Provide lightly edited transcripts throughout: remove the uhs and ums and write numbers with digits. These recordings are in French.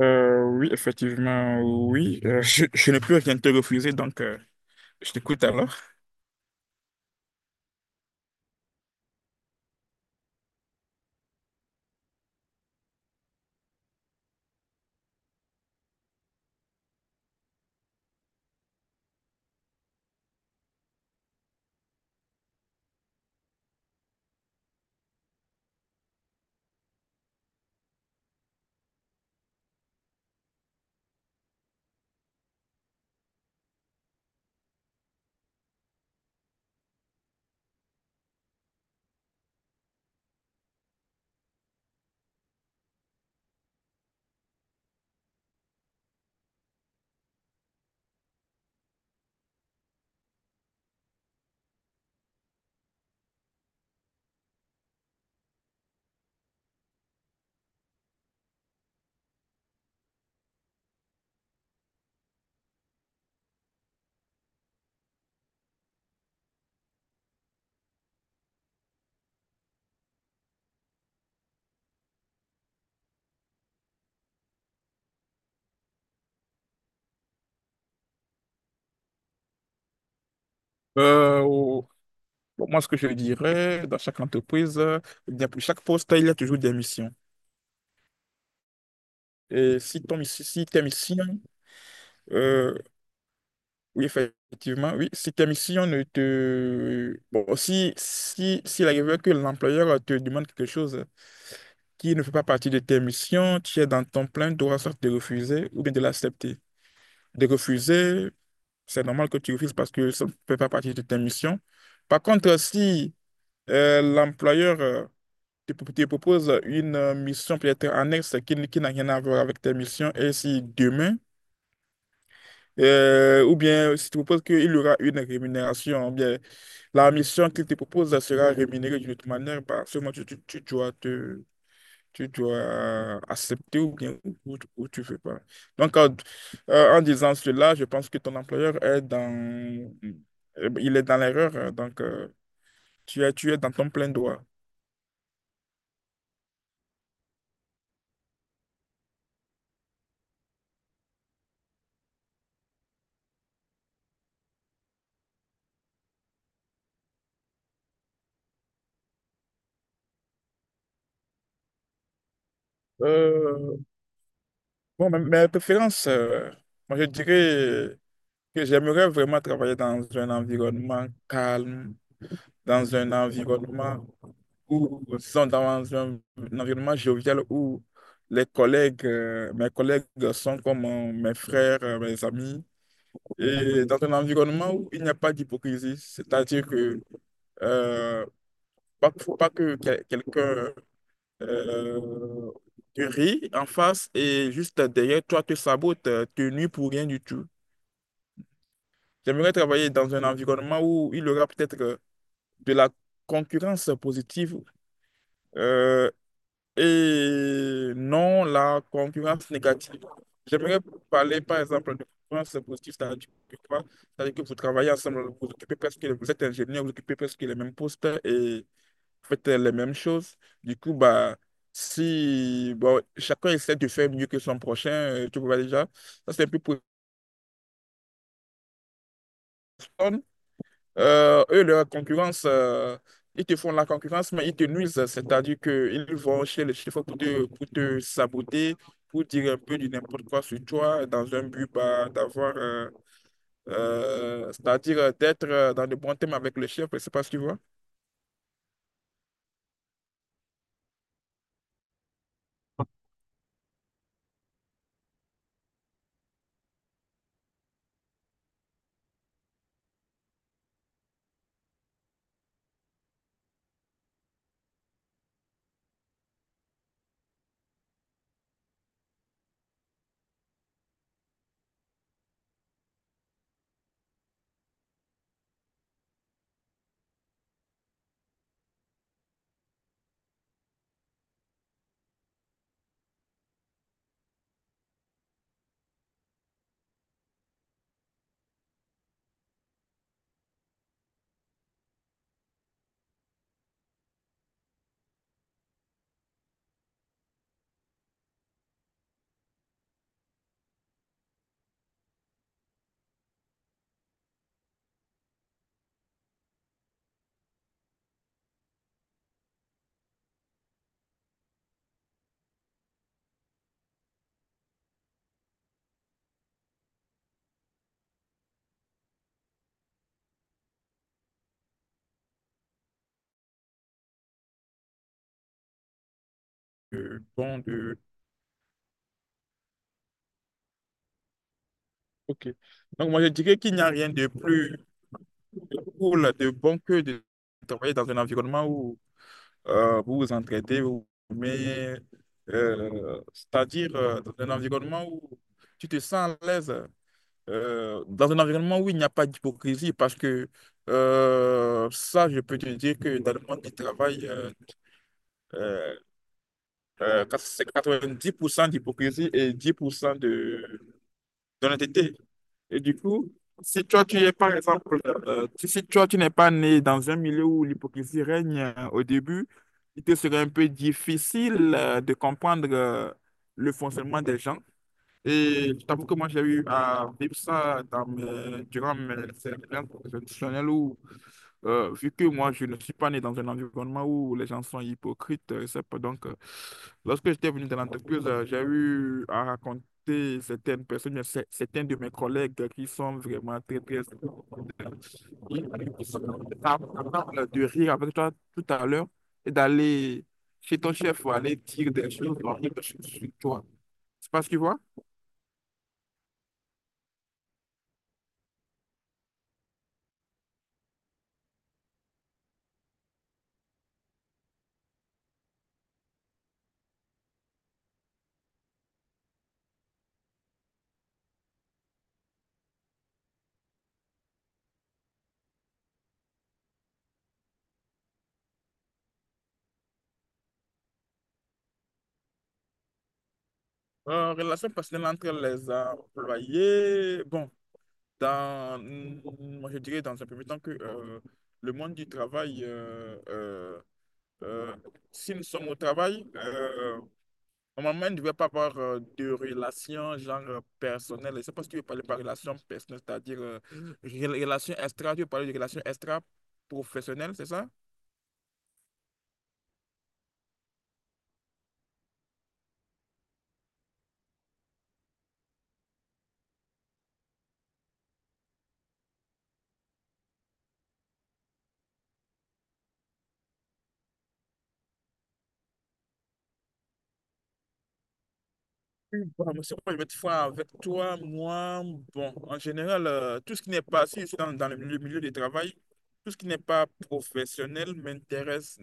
Oui, effectivement, oui. Je n'ai plus rien te refuser, donc je t'écoute alors. Euh, au- pour moi, ce que je dirais, dans chaque entreprise, pour chaque poste, il y a toujours des missions. Et si, si tes missions, euh, oui, effectivement, oui, si tes missions ne te... Bon, si, si, s'il arrive que l'employeur te demande quelque chose qui ne fait pas partie de tes missions, tu es dans ton plein droit, soit de refuser ou bien de l'accepter. De refuser c'est normal que tu refuses parce que ça ne fait pas partie de tes missions. Par contre, si l'employeur te propose une mission peut-être annexe qui n'a rien à voir avec tes missions, et si demain, ou bien si tu proposes qu'il y aura une rémunération, ou bien la mission qu'il te propose sera rémunérée d'une autre manière, bah, seulement tu dois te tu dois accepter ou bien ou tu veux pas. Donc, en disant cela, je pense que ton employeur est il est dans l'erreur, hein. Donc, tu es dans ton plein droit. Euh, bon, mais mes préférences, moi je dirais que j'aimerais vraiment travailler dans un environnement calme, dans un environnement où, sont dans un environnement jovial où les collègues, mes collègues sont comme mes frères, mes amis, et dans un environnement où il n'y a pas d'hypocrisie, c'est-à-dire que euh, pas, faut pas que quelqu'un euh, te rit en face et juste derrière toi te sabote, te nuit pour rien du tout. J'aimerais travailler dans un environnement où il y aura peut-être de la concurrence positive euh, et non la concurrence négative. J'aimerais parler par exemple de concurrence positive, c'est-à-dire que quoi? C'est-à-dire que vous travaillez ensemble, vous occupez presque, vous êtes ingénieur, vous occupez presque les mêmes postes et vous faites les mêmes choses. Du coup, bah, si bon, chacun essaie de faire mieux que son prochain, tu vois déjà, ça c'est un peu pour eux, leur concurrence, ils te font la concurrence, mais ils te nuisent. C'est-à-dire qu'ils vont chez les chiffres pour pour te saboter, pour dire un peu du n'importe quoi sur toi, dans un but bah, d'avoir, c'est-à-dire d'être dans de bons thèmes avec le chef, je sais pas si tu vois. Euh, bon, de... Ok. Donc, moi, je dirais qu'il n'y a rien de plus cool, de bon que de travailler dans un environnement où vous vous entraidez, vous vous aimez, c'est-à-dire dans un environnement où tu te sens à l'aise, dans un environnement où il n'y a pas d'hypocrisie, parce que ça, je peux te dire que dans le monde du travail, euh, c'est 90% d'hypocrisie et 10% de d'honnêteté. Et du coup, si toi tu es par exemple, si toi tu n'es pas né dans un milieu où l'hypocrisie règne au début, il te serait un peu difficile de comprendre le fonctionnement des gens. Et je t'avoue que moi j'ai eu à vivre ça dans durant mes expériences professionnelles où vu que moi, je ne suis pas né dans un environnement où les gens sont hypocrites, c'est pas donc, lorsque j'étais venu dans l'entreprise, j'ai eu à raconter certaines personnes, mais certains de mes collègues qui sont vraiment très, très... Ils sont capables de rire avec toi tout à l'heure et d'aller chez ton chef ou aller dire des choses horribles sur toi. C'est pas ce que tu vois? Relation personnelle entre les employés. Bon. Dans, moi, je dirais dans un premier temps que le monde du travail, euh, si nous sommes au travail, normalement, il ne devrait pas avoir de relations genre personnelles. Je ne sais pas si tu veux parler par relation personnelle, c'est-à-dire relation extra, tu veux parler de relation extra professionnelle, c'est ça? Bon, monsieur, moi, je vais être franc avec toi. Moi, bon, en général, tout ce qui n'est pas, si je suis dans le milieu du travail, tout ce qui n'est pas professionnel m'intéresse,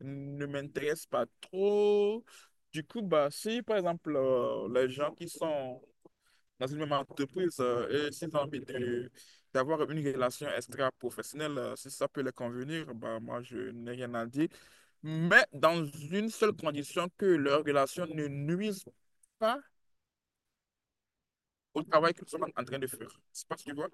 ne m'intéresse pas trop. Du coup, bah, si par exemple, les gens qui sont dans une même entreprise et s'ils ont envie d'avoir une relation extra-professionnelle, si ça peut les convenir, bah, moi, je n'ai rien à dire. Mais dans une seule condition, que leur relation ne nuise pas au travail que nous sommes en train de faire. C'est parce que, tu vois,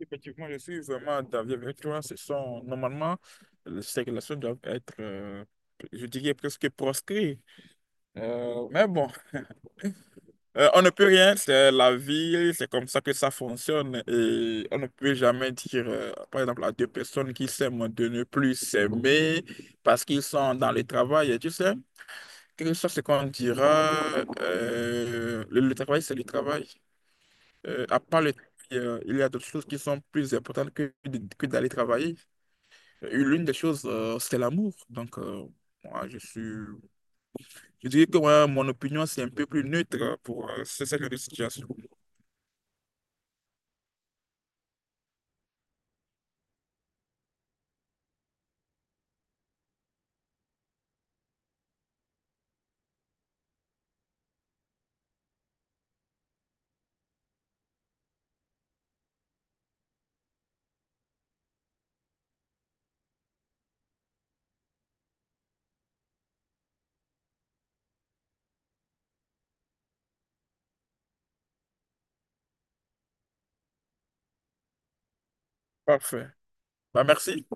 effectivement, je suis vraiment d'avis avec toi. Ce sont, normalement, ces relations doivent être, je dirais, presque proscrites. Mais bon, on ne peut rien, c'est la vie, c'est comme ça que ça fonctionne. Et on ne peut jamais dire, par exemple, à deux personnes qui s'aiment de ne plus s'aimer parce qu'ils sont dans le travail. Et tu sais, quelque chose soit ce qu'on dira, le travail, c'est le travail. À part le travail, il y a d'autres choses qui sont plus importantes que, que d'aller travailler. L'une des choses, c'est l'amour. Donc, moi, je suis, je dirais que ouais, mon opinion, c'est un peu plus neutre pour ce genre de situation. Parfait. Bah, merci.